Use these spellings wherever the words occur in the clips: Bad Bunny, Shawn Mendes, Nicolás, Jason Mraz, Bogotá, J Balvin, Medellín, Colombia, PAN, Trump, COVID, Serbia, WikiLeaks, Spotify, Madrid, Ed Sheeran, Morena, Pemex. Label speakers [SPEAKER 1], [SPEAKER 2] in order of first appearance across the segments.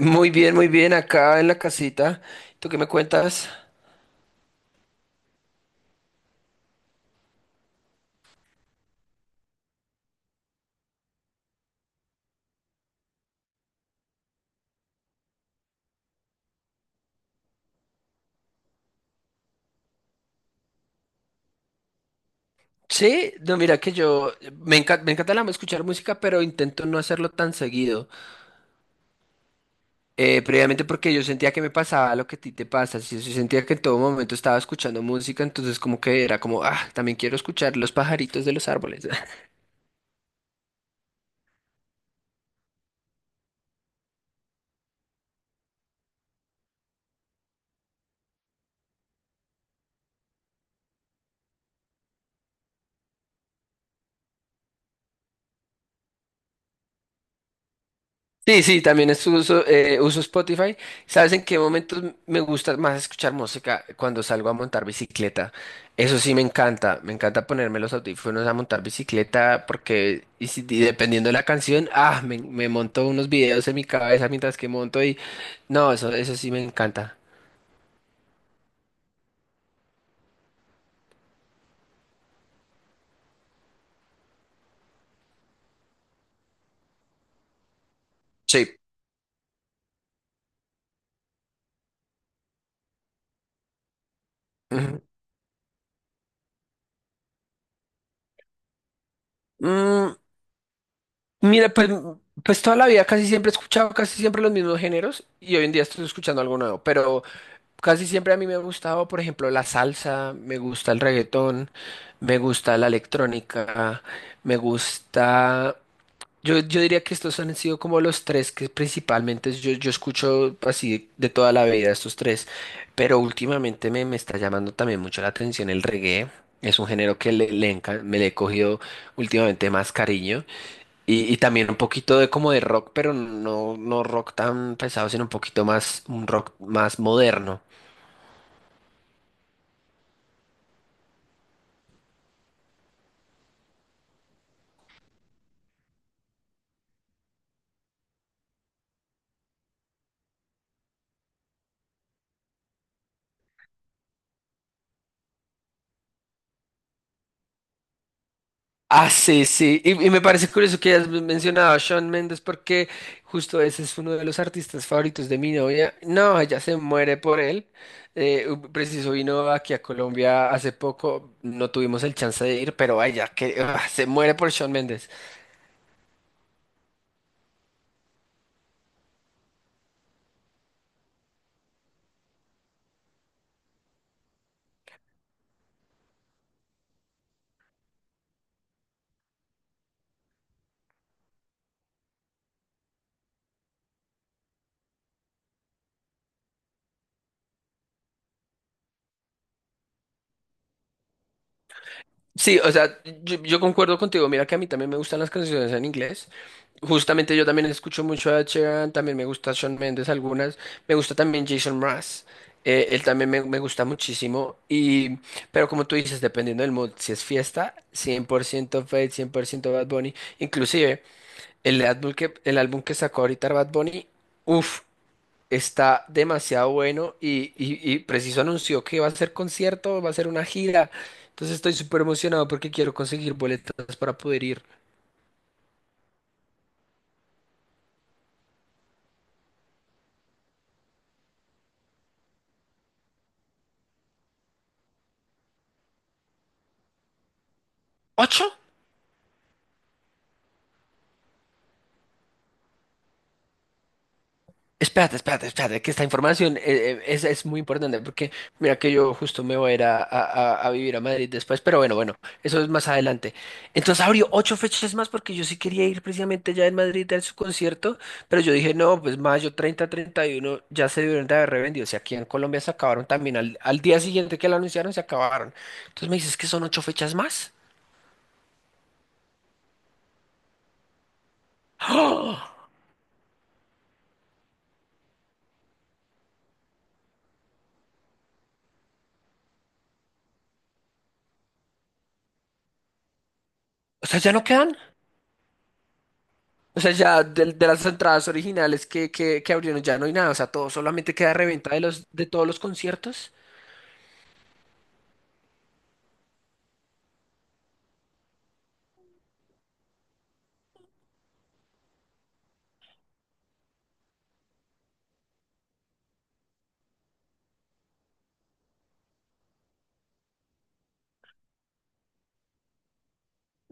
[SPEAKER 1] Muy bien, acá en la casita. ¿Tú qué me cuentas? Sí, no, mira que yo me encanta escuchar música, pero intento no hacerlo tan seguido. Previamente porque yo sentía que me pasaba lo que a ti te pasa. Sí, sí, sentía que en todo momento estaba escuchando música, entonces como que era como, también quiero escuchar los pajaritos de los árboles. Sí, sí, también uso Spotify. ¿Sabes en qué momentos me gusta más escuchar música? Cuando salgo a montar bicicleta. Eso sí me encanta. Me encanta ponerme los audífonos a montar bicicleta porque y si- y dependiendo de la canción, me monto unos videos en mi cabeza mientras que monto y no, eso sí me encanta. Sí. Ujú. Mm, Mira, pues, toda la vida casi siempre he escuchado casi siempre los mismos géneros y hoy en día estoy escuchando algo nuevo, pero casi siempre a mí me ha gustado, por ejemplo, la salsa, me gusta el reggaetón, me gusta la electrónica, me gusta... Yo diría que estos han sido como los tres que principalmente yo escucho así de toda la vida estos tres, pero últimamente me está llamando también mucho la atención el reggae, es un género que me le he cogido últimamente más cariño. Y también un poquito de como de rock, pero no, no rock tan pesado, sino un poquito más, un rock más moderno. Ah, sí, sí. Y me parece curioso que hayas mencionado a Shawn Mendes porque justo ese es uno de los artistas favoritos de mi novia. No, ella se muere por él. Preciso vino aquí a Colombia hace poco. No tuvimos el chance de ir, pero ella que, se muere por Shawn Mendes. Sí, o sea, yo concuerdo contigo. Mira que a mí también me gustan las canciones en inglés. Justamente yo también escucho mucho a Ed Sheeran, también me gusta Shawn Mendes algunas. Me gusta también Jason Mraz. Él también me gusta muchísimo. Pero como tú dices, dependiendo del mood, si es fiesta, 100% Fate, 100% Bad Bunny. Inclusive, el álbum que sacó ahorita Bad Bunny, uff, está demasiado bueno y preciso anunció que va a ser concierto, va a ser una gira. Entonces estoy súper emocionado porque quiero conseguir boletas para poder ir. ¿Ocho? Espérate, espérate, espérate, que esta información es muy importante porque mira que yo justo me voy a ir a vivir a Madrid después, pero bueno, bueno, eso es más adelante. Entonces abrió 8 fechas más porque yo sí quería ir precisamente ya en Madrid a su concierto, pero yo dije, no, pues mayo 30, 31 ya se dieron de haber revendido, o sea, aquí en Colombia se acabaron también, al día siguiente que lo anunciaron se acabaron. Entonces me dices que son 8 fechas más, o sea, ya no quedan. O sea, ya de las entradas originales que abrieron ya no hay nada. O sea, todo solamente queda reventa de todos los conciertos.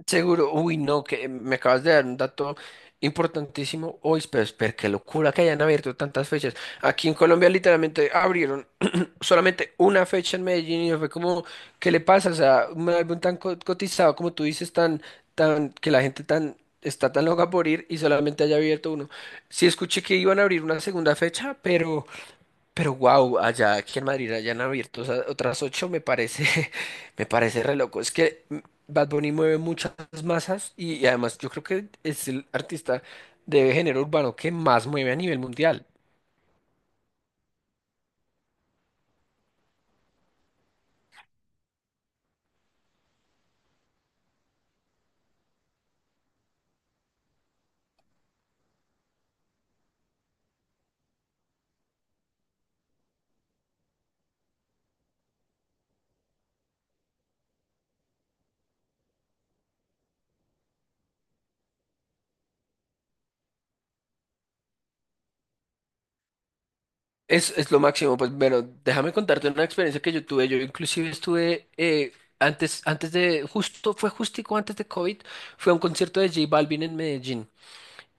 [SPEAKER 1] Seguro. Uy, no, que me acabas de dar un dato importantísimo. Uy, pero qué locura que hayan abierto tantas fechas. Aquí en Colombia literalmente abrieron solamente una fecha en Medellín y no fue como, ¿qué le pasa? O sea, un álbum tan cotizado como tú dices, tan, que la gente tan está tan loca por ir y solamente haya abierto uno. Sí escuché que iban a abrir una segunda fecha, pero... Pero wow, allá aquí en Madrid hayan abierto otras 8 me parece, me parece re loco. Es que Bad Bunny mueve muchas masas y además yo creo que es el artista de género urbano que más mueve a nivel mundial. Es lo máximo, pues bueno, déjame contarte una experiencia que yo tuve. Yo inclusive estuve justo, fue justico antes de COVID, fue a un concierto de J Balvin en Medellín.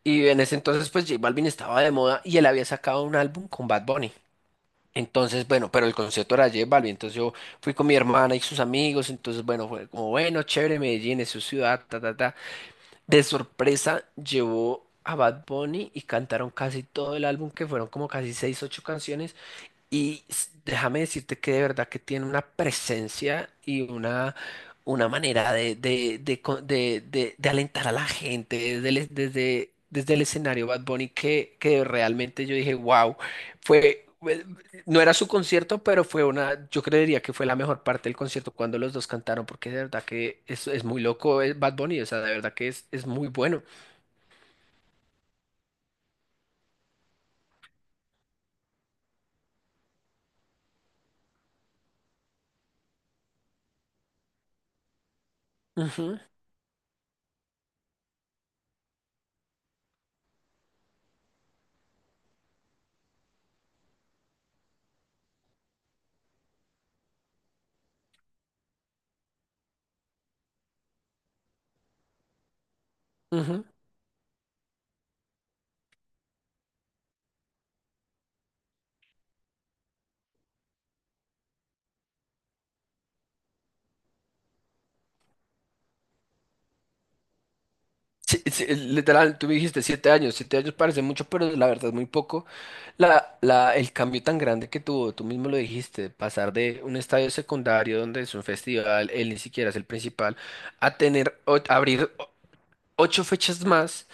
[SPEAKER 1] Y en ese entonces pues J Balvin estaba de moda y él había sacado un álbum con Bad Bunny. Entonces, bueno, pero el concierto era de J Balvin, entonces yo fui con mi hermana y sus amigos, entonces, bueno, fue como, bueno, chévere, Medellín es su ciudad, ta, ta, ta. De sorpresa llevó a Bad Bunny y cantaron casi todo el álbum, que fueron como casi 6, 8 canciones, y déjame decirte que de verdad que tiene una presencia y una manera de, co- de alentar a la gente desde el escenario Bad Bunny que realmente yo dije, wow, fue, fue- no era su concierto, pero fue yo creería que fue la mejor parte del concierto cuando los dos cantaron, porque de verdad que es muy loco Bad Bunny, o sea, de verdad que es muy bueno. Ujú, ujú. Sí, sí, literal, tú dijiste 7 años, 7 años parece mucho, pero la verdad es muy poco. El cambio tan grande que tuvo, tú mismo lo dijiste, pasar de un estadio secundario donde es un festival, él ni siquiera es el principal, a tener, abrir 8 fechas más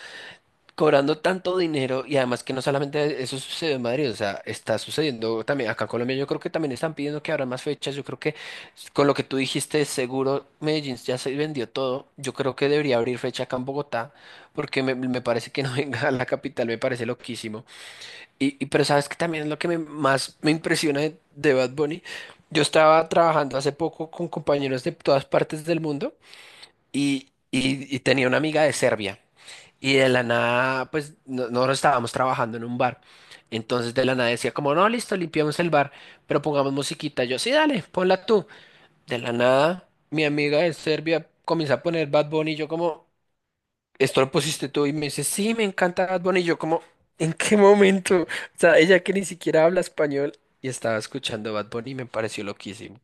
[SPEAKER 1] cobrando tanto dinero y además que no solamente eso sucedió en Madrid, o sea, está sucediendo también acá en Colombia, yo creo que también están pidiendo que abran más fechas, yo creo que con lo que tú dijiste, seguro Medellín ya se vendió todo, yo creo que debería abrir fecha acá en Bogotá, porque me parece que no venga a la capital, me parece loquísimo. Y pero sabes que también es lo que más me impresiona de Bad Bunny, yo estaba trabajando hace poco con compañeros de todas partes del mundo y tenía una amiga de Serbia. Y de la nada, pues nosotros estábamos trabajando en un bar. Entonces de la nada decía como, no, listo, limpiamos el bar, pero pongamos musiquita. Yo, sí, dale, ponla tú. De la nada, mi amiga de Serbia comienza a poner Bad Bunny y yo como, ¿esto lo pusiste tú? Y me dice, sí, me encanta Bad Bunny. Y yo como, ¿en qué momento? O sea, ella que ni siquiera habla español y estaba escuchando Bad Bunny y me pareció loquísimo.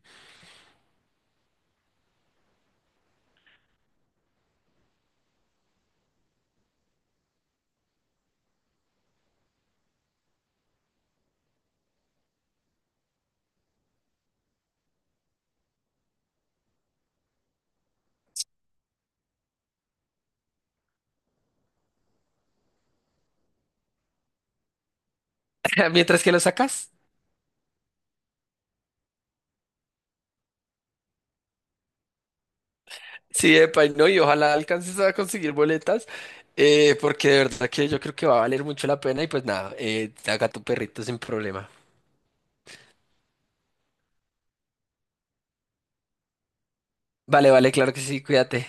[SPEAKER 1] Mientras que lo sacas. Sí, epa, y no, y ojalá alcances a conseguir boletas, porque de verdad que yo creo que va a valer mucho la pena y pues nada, haga tu perrito sin problema. Vale, vale, claro que sí, cuídate.